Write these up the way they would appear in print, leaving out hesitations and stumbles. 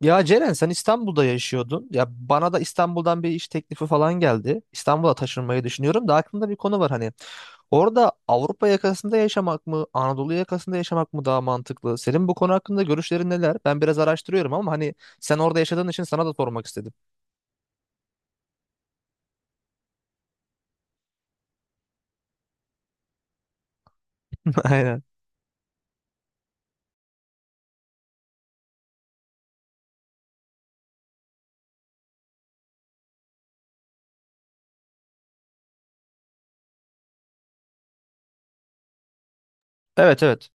Ya Ceren sen İstanbul'da yaşıyordun. Ya bana da İstanbul'dan bir iş teklifi falan geldi. İstanbul'a taşınmayı düşünüyorum da aklımda bir konu var hani. Orada Avrupa yakasında yaşamak mı, Anadolu yakasında yaşamak mı daha mantıklı? Senin bu konu hakkında görüşlerin neler? Ben biraz araştırıyorum ama hani sen orada yaşadığın için sana da sormak istedim. Aynen. Evet, evet.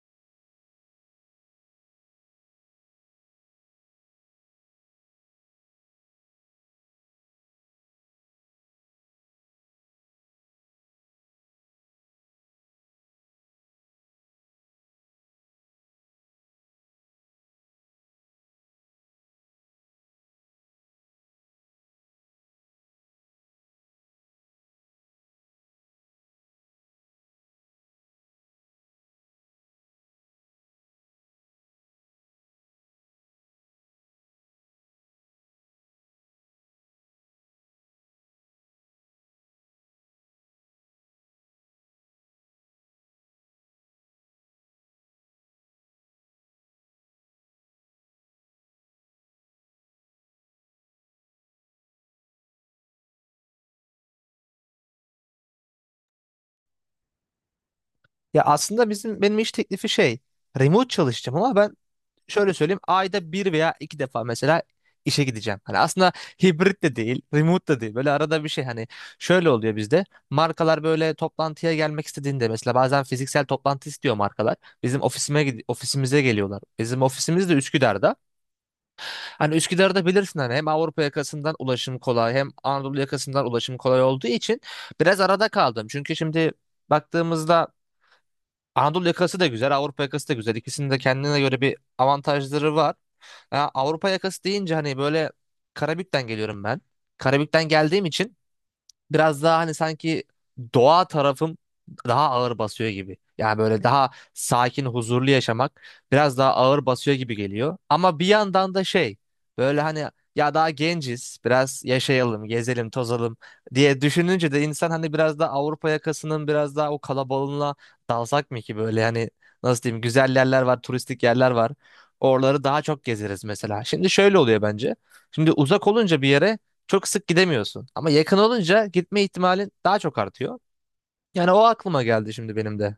Ya aslında benim iş teklifi şey, remote çalışacağım ama ben şöyle söyleyeyim ayda bir veya iki defa mesela işe gideceğim. Hani aslında hibrit de değil, remote da değil. Böyle arada bir şey hani şöyle oluyor bizde. Markalar böyle toplantıya gelmek istediğinde mesela bazen fiziksel toplantı istiyor markalar. Ofisimize geliyorlar. Bizim ofisimiz de Üsküdar'da. Hani Üsküdar'da bilirsin hani hem Avrupa yakasından ulaşım kolay hem Anadolu yakasından ulaşım kolay olduğu için biraz arada kaldım. Çünkü şimdi baktığımızda Anadolu yakası da güzel, Avrupa yakası da güzel. İkisinin de kendine göre bir avantajları var. Ya Avrupa yakası deyince hani böyle Karabük'ten geliyorum ben. Karabük'ten geldiğim için biraz daha hani sanki doğa tarafım daha ağır basıyor gibi. Yani böyle daha sakin, huzurlu yaşamak biraz daha ağır basıyor gibi geliyor. Ama bir yandan da şey böyle hani ya daha genciz, biraz yaşayalım, gezelim, tozalım diye düşününce de insan hani biraz da Avrupa yakasının biraz daha o kalabalığına dalsak mı ki böyle hani nasıl diyeyim güzel yerler var, turistik yerler var. Oraları daha çok gezeriz mesela. Şimdi şöyle oluyor bence. Şimdi uzak olunca bir yere çok sık gidemiyorsun. Ama yakın olunca gitme ihtimalin daha çok artıyor. Yani o aklıma geldi şimdi benim de.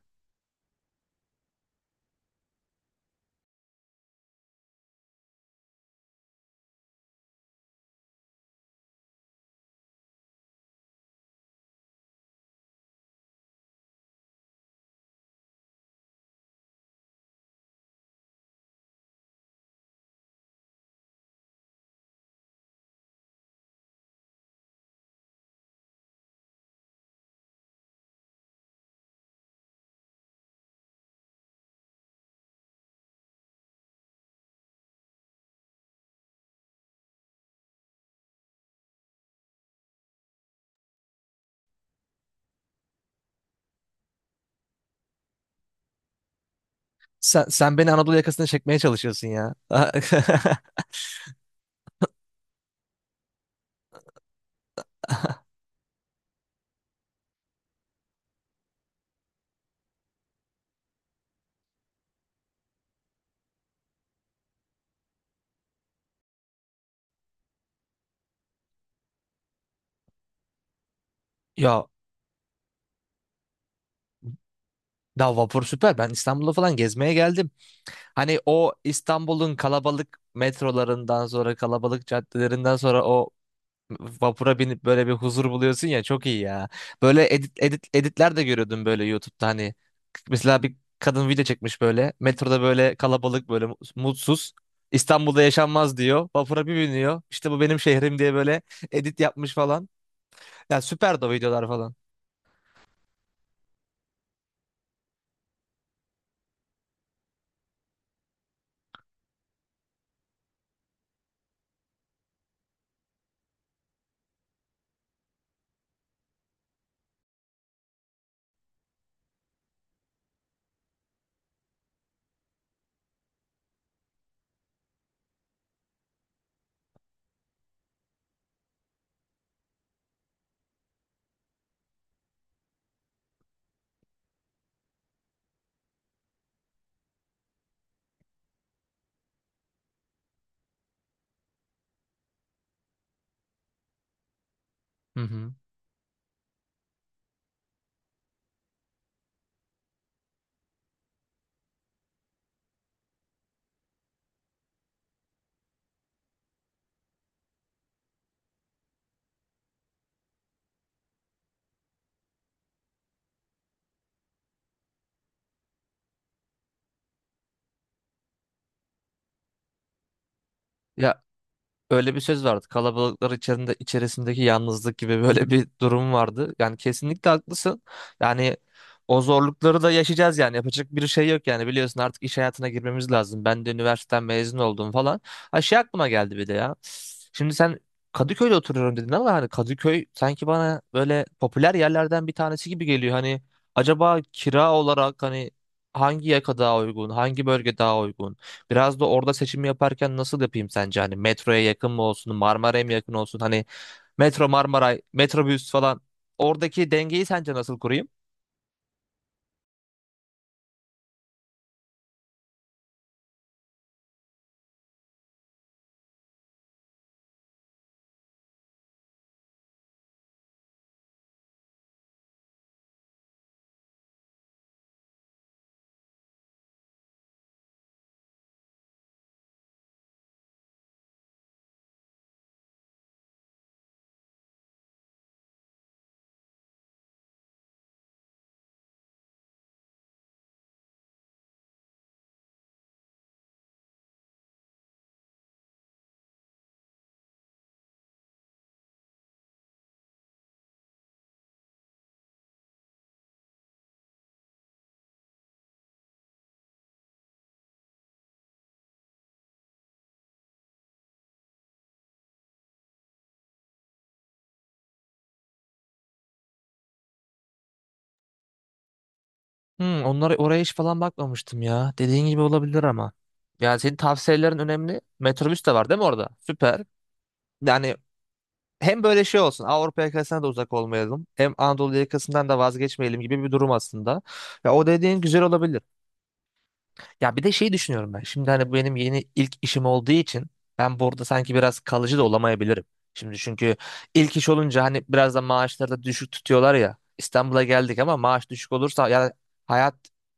Sen beni Anadolu yakasına çekmeye çalışıyorsun ya. Ya daha vapur süper. Ben İstanbul'a falan gezmeye geldim. Hani o İstanbul'un kalabalık metrolarından sonra kalabalık caddelerinden sonra o vapura binip böyle bir huzur buluyorsun ya çok iyi ya. Böyle editler de görüyordum böyle YouTube'da hani mesela bir kadın video çekmiş böyle. Metroda böyle kalabalık böyle mutsuz. İstanbul'da yaşanmaz diyor. Vapura bir biniyor. İşte bu benim şehrim diye böyle edit yapmış falan. Ya süperdi o videolar falan. Hı hı. Ya öyle bir söz vardı. Kalabalıklar içerisindeki yalnızlık gibi böyle bir durum vardı. Yani kesinlikle haklısın. Yani o zorlukları da yaşayacağız yani. Yapacak bir şey yok yani. Biliyorsun artık iş hayatına girmemiz lazım. Ben de üniversiteden mezun oldum falan. Ha şey aklıma geldi bir de ya. Şimdi sen Kadıköy'de oturuyorum dedin ama hani Kadıköy sanki bana böyle popüler yerlerden bir tanesi gibi geliyor. Hani acaba kira olarak hani hangi yaka daha uygun, hangi bölge daha uygun? Biraz da orada seçim yaparken nasıl yapayım sence? Hani metroya yakın mı olsun, Marmara'ya mı yakın olsun? Hani metro Marmaray, metrobüs falan. Oradaki dengeyi sence nasıl kurayım? Hmm, onlara oraya hiç falan bakmamıştım ya. Dediğin gibi olabilir ama. Yani senin tavsiyelerin önemli. Metrobüs de var değil mi orada? Süper. Yani hem böyle şey olsun. Avrupa yakasına da uzak olmayalım. Hem Anadolu yakasından da vazgeçmeyelim gibi bir durum aslında. Ya o dediğin güzel olabilir. Ya bir de şey düşünüyorum ben. Şimdi hani bu benim yeni ilk işim olduğu için ben burada sanki biraz kalıcı da olamayabilirim. Şimdi çünkü ilk iş olunca hani biraz da maaşları da düşük tutuyorlar ya. İstanbul'a geldik ama maaş düşük olursa ya hayat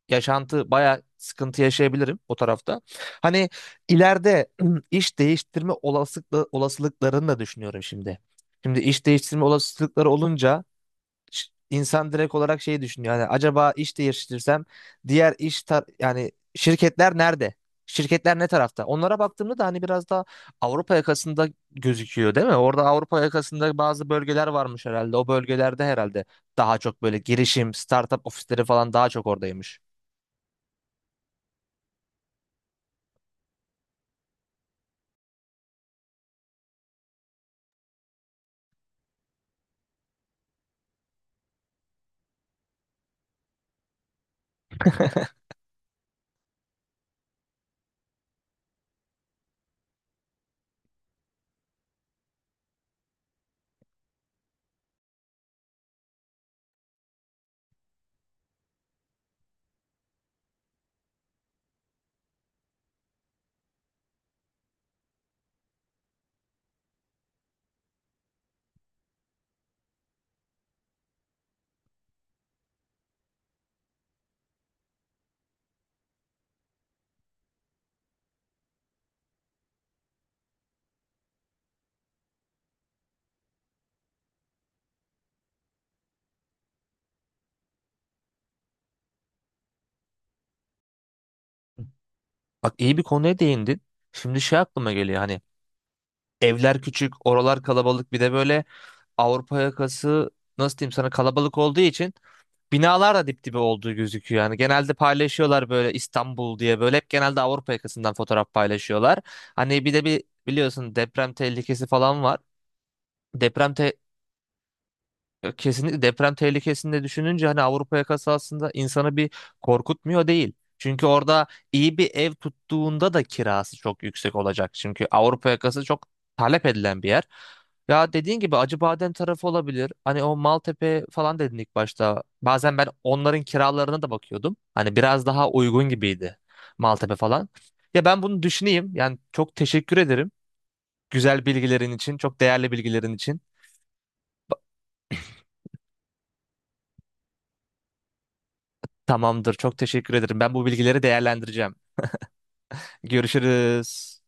yaşantı bayağı sıkıntı yaşayabilirim o tarafta. Hani ileride iş değiştirme olasılıklarını da düşünüyorum şimdi. Şimdi iş değiştirme olasılıkları olunca insan direkt olarak şey düşünüyor. Yani acaba iş değiştirirsem diğer iş tar yani şirketler nerede? Şirketler ne tarafta? Onlara baktığımda da hani biraz daha Avrupa yakasında gözüküyor değil mi? Orada Avrupa yakasında bazı bölgeler varmış herhalde. O bölgelerde herhalde daha çok böyle girişim, startup ofisleri falan daha çok oradaymış. Bak iyi bir konuya değindin. Şimdi şey aklıma geliyor hani evler küçük, oralar kalabalık bir de böyle Avrupa yakası nasıl diyeyim sana kalabalık olduğu için binalar da dip dibe olduğu gözüküyor. Yani genelde paylaşıyorlar böyle İstanbul diye böyle hep genelde Avrupa yakasından fotoğraf paylaşıyorlar. Hani bir de biliyorsun deprem tehlikesi falan var. Deprem te- Ya kesinlikle deprem tehlikesini de düşününce hani Avrupa yakası aslında insanı bir korkutmuyor değil. Çünkü orada iyi bir ev tuttuğunda da kirası çok yüksek olacak. Çünkü Avrupa yakası çok talep edilen bir yer. Ya dediğin gibi Acıbadem tarafı olabilir. Hani o Maltepe falan dedin ilk başta. Bazen ben onların kiralarına da bakıyordum. Hani biraz daha uygun gibiydi Maltepe falan. Ya ben bunu düşüneyim. Yani çok teşekkür ederim. Güzel bilgilerin için, çok değerli bilgilerin için. Tamamdır. Çok teşekkür ederim. Ben bu bilgileri değerlendireceğim. Görüşürüz.